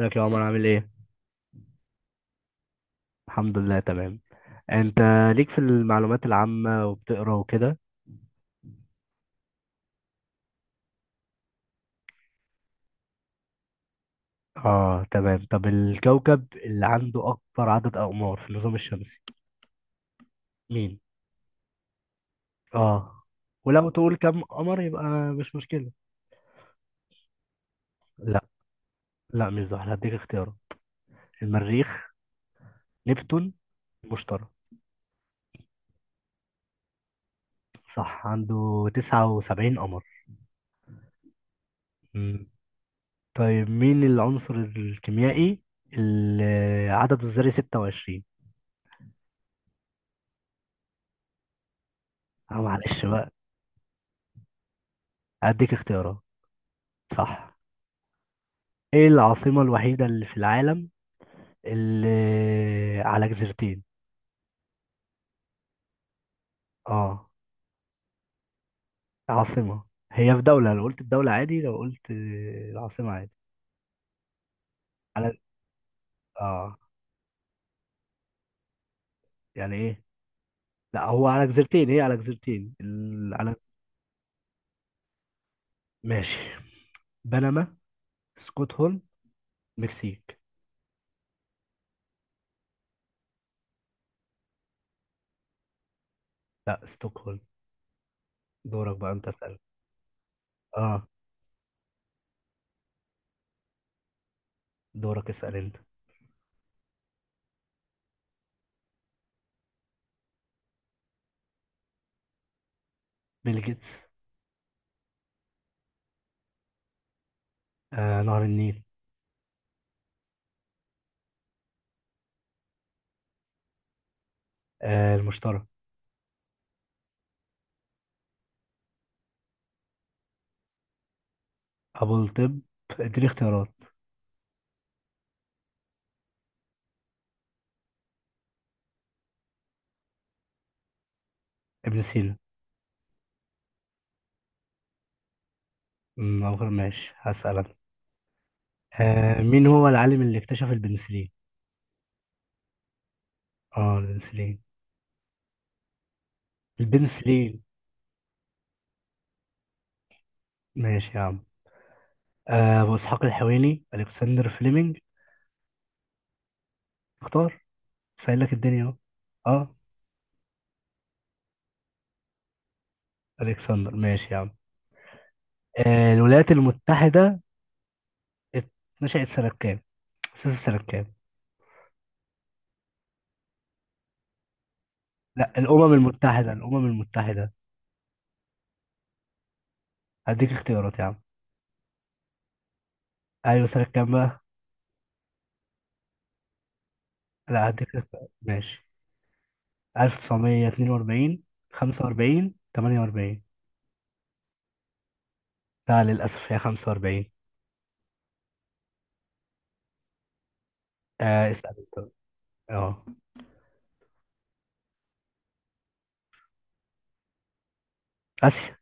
ازيك يا عمر، عامل ايه؟ الحمد لله، تمام. انت ليك في المعلومات العامة وبتقرا وكده؟ اه، تمام. طب الكوكب اللي عنده اكبر عدد اقمار في النظام الشمسي مين؟ اه، ولو تقول كم قمر يبقى مش مشكلة. لا، لا مش زحل، هديك اختيارات: المريخ، نبتون، المشتري. صح، عنده 79 قمر. مم. طيب مين العنصر الكيميائي اللي عدده الذري 26؟ اه، معلش بقى. هديك اختيارات. صح. ايه العاصمة الوحيدة اللي في العالم اللي على جزيرتين؟ اه، عاصمة. هي في دولة، لو قلت الدولة عادي لو قلت العاصمة عادي. على، اه. يعني ايه؟ لا، هو على جزيرتين، هي على جزيرتين على. ماشي. بنما، ستوكهولم، مكسيك. لا، ستوكهولم. دورك بقى انت اسأل. اه. دورك اسأل انت. بيل جيتس. آه، نهر النيل. آه، المشتري. ابو الطب، اديني اختيارات. ابن سينا. أمم، ماشي هسألك. آه، مين هو العالم اللي اكتشف البنسلين؟ اه، البنسلين. البنسلين. ماشي يا عم. آه، أبو إسحاق الحويني، ألكسندر فليمنج. اختار. سهل لك الدنيا اهو. اه، ألكسندر. ماشي يا عم. آه، الولايات المتحدة. ات- نشأت سنة كام؟ أسست سنة كام؟ لا، الأمم المتحدة، الأمم المتحدة. هديك اختيارات يا عم. أيوة، سنة كام بقى؟ لا، هديك اختيارات. ماشي. 1942، 45، 48. لا، للأسف هي 45. آه، اسأل انت. اه، آسيا.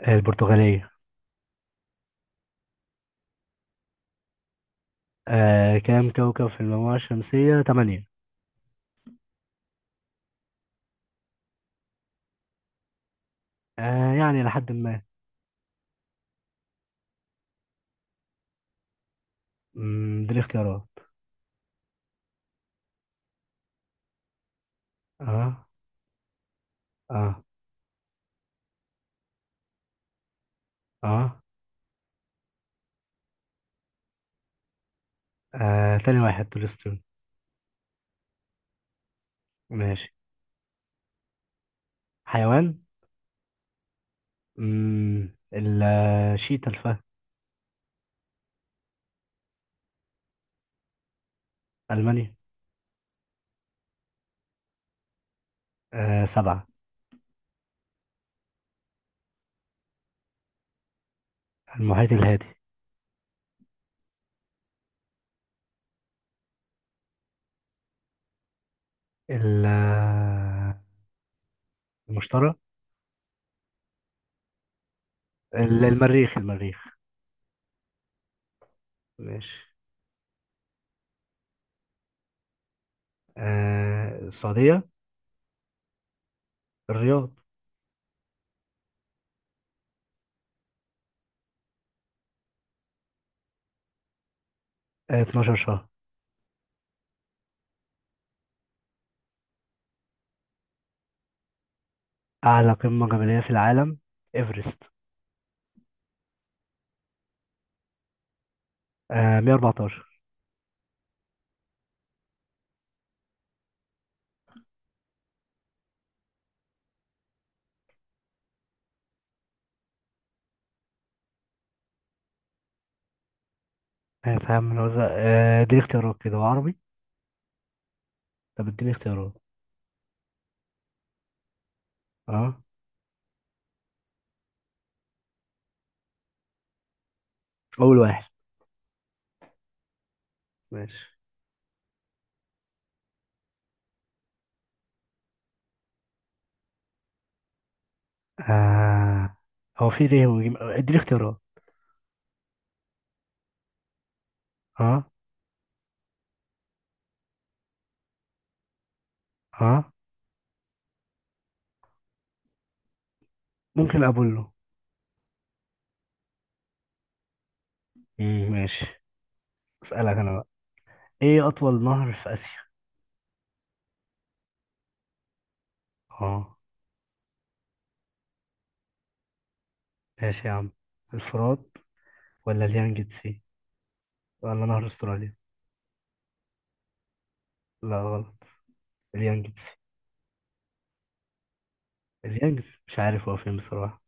آه، البرتغالية. آه، كام كوكب في المجموعة الشمسية؟ تمانية. آه، يعني لحد ما. مم، دي الاختيارات. اه. اه اه, آه. تاني واحد تولستون. ماشي. حيوان. مم. شيتا، الفهد. ألمانيا. آه، سبعة. المحيط الهادي. ال- آه، المشتري. المريخ، المريخ. ماشي. آه، السعودية. الرياض. آه، 12 شهر. أعلى قمة جبلية في العالم: إيفرست. آه، 114. آه، فاهم من وزن. آه، اديني اختيارات كده وعربي. طب اديني اختيارات. اه، اول واحد. ماشي. آه، هو في ليه وجيم، اديني اختيارات. اه. اه، ممكن اقول له. مم، ماشي. اسالك انا بقى. ايه اطول نهر في اسيا؟ اه. ماشي يا عم. الفرات، ولا اليانجتسي، ولا نهر استراليا. لا، غلط. اليانجتسي. اليانجتسي مش عارف هو فين بصراحة.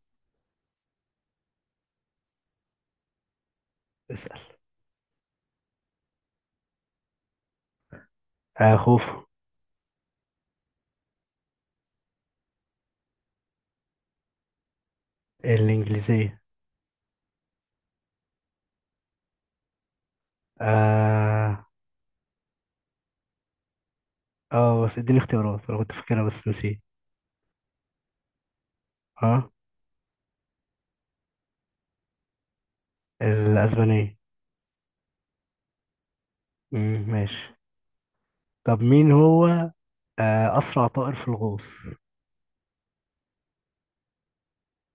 اسال. آه، خوف. الانجليزية. آه. اه، بس اديني اختيارات، انا كنت فاكرها بس نسيت. اه، الاسبانية. امم، ماشي. طب مين هو آه، اسرع طائر في الغوص؟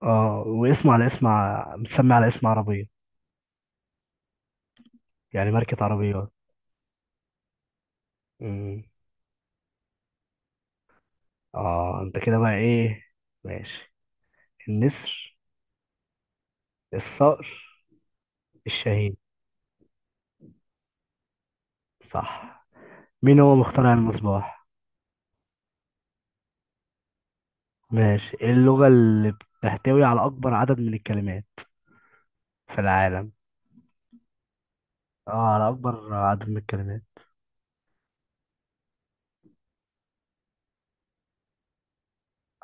اه، واسمه على اسم متسمى على اسم عربية، يعني ماركة عربيات. امم. اه، انت كده بقى ايه. ماشي. النسر، الصقر، الشاهين. صح. مين هو مخترع المصباح؟ ماشي. إيه اللغة اللي بتحتوي على اكبر عدد من الكلمات في العالم؟ اه، على اكبر عدد من الكلمات.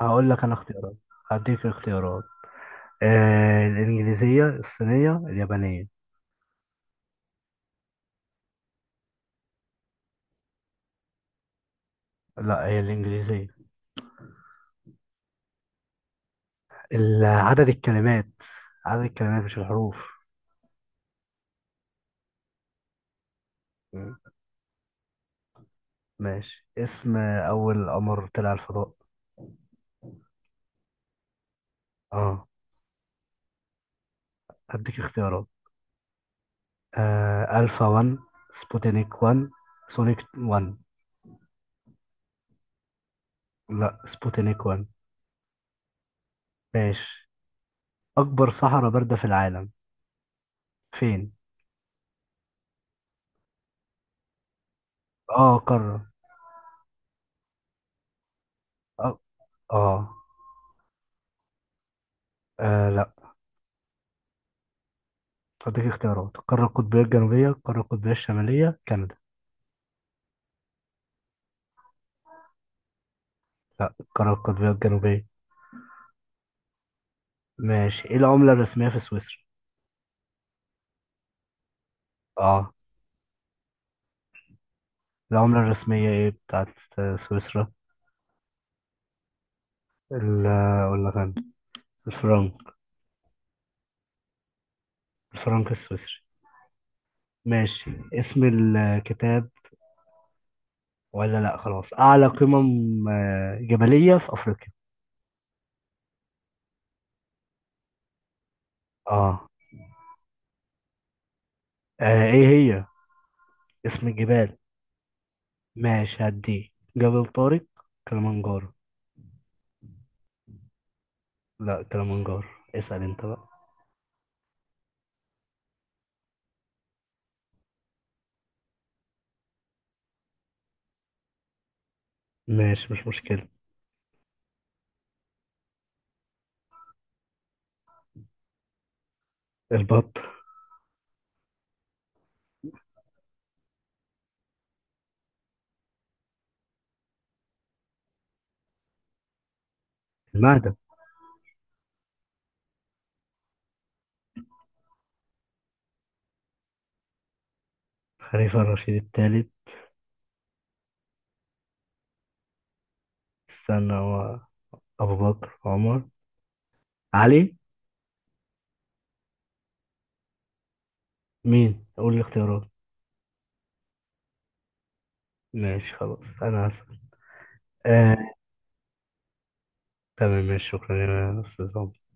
هقول لك انا اختيارات. هديك اختيارات. آه، الانجليزيه، الصينيه، اليابانيه. لا، هي الانجليزيه. عدد الكلمات، عدد الكلمات مش الحروف. مم. ماشي. اسم اول قمر طلع الفضاء. اه. هديك اختيارات. آه، الفا 1، سبوتينيك 1، سونيك 1. لا، سبوتينيك 1. ماشي. اكبر صحراء بارده في العالم فين؟ اه، قاره. اه, آه. آه، لا. هديك اختيارات: القارة القطبية الجنوبية، القارة القطبية الشمالية، كندا. لا، القارة القطبية الجنوبية. ماشي. ايه العملة الرسمية في سويسرا؟ اه. العملة الرسمية ايه بتاعت آه، سويسرا. ال ولا كان الفرنك. الفرنك السويسري. ماشي. اسم الكتاب، ولا لا، خلاص. أعلى قمم آه، جبلية في أفريقيا. اه. آه، ايه هي اسم الجبال؟ ماشي هديه. جبل طارق، كلمنجارو. لا، كلمنجارو. اسأل انت بقى. ماشي مش مشكلة. البط. المهدي. خليفة الرشيد الثالث. استنى. هو أبو بكر، عمر، علي. مين؟ قول الاختيارات. ماشي خلاص، أنا هسأل. آه. تمام، ماشي، شكرا يا أستاذ عمر.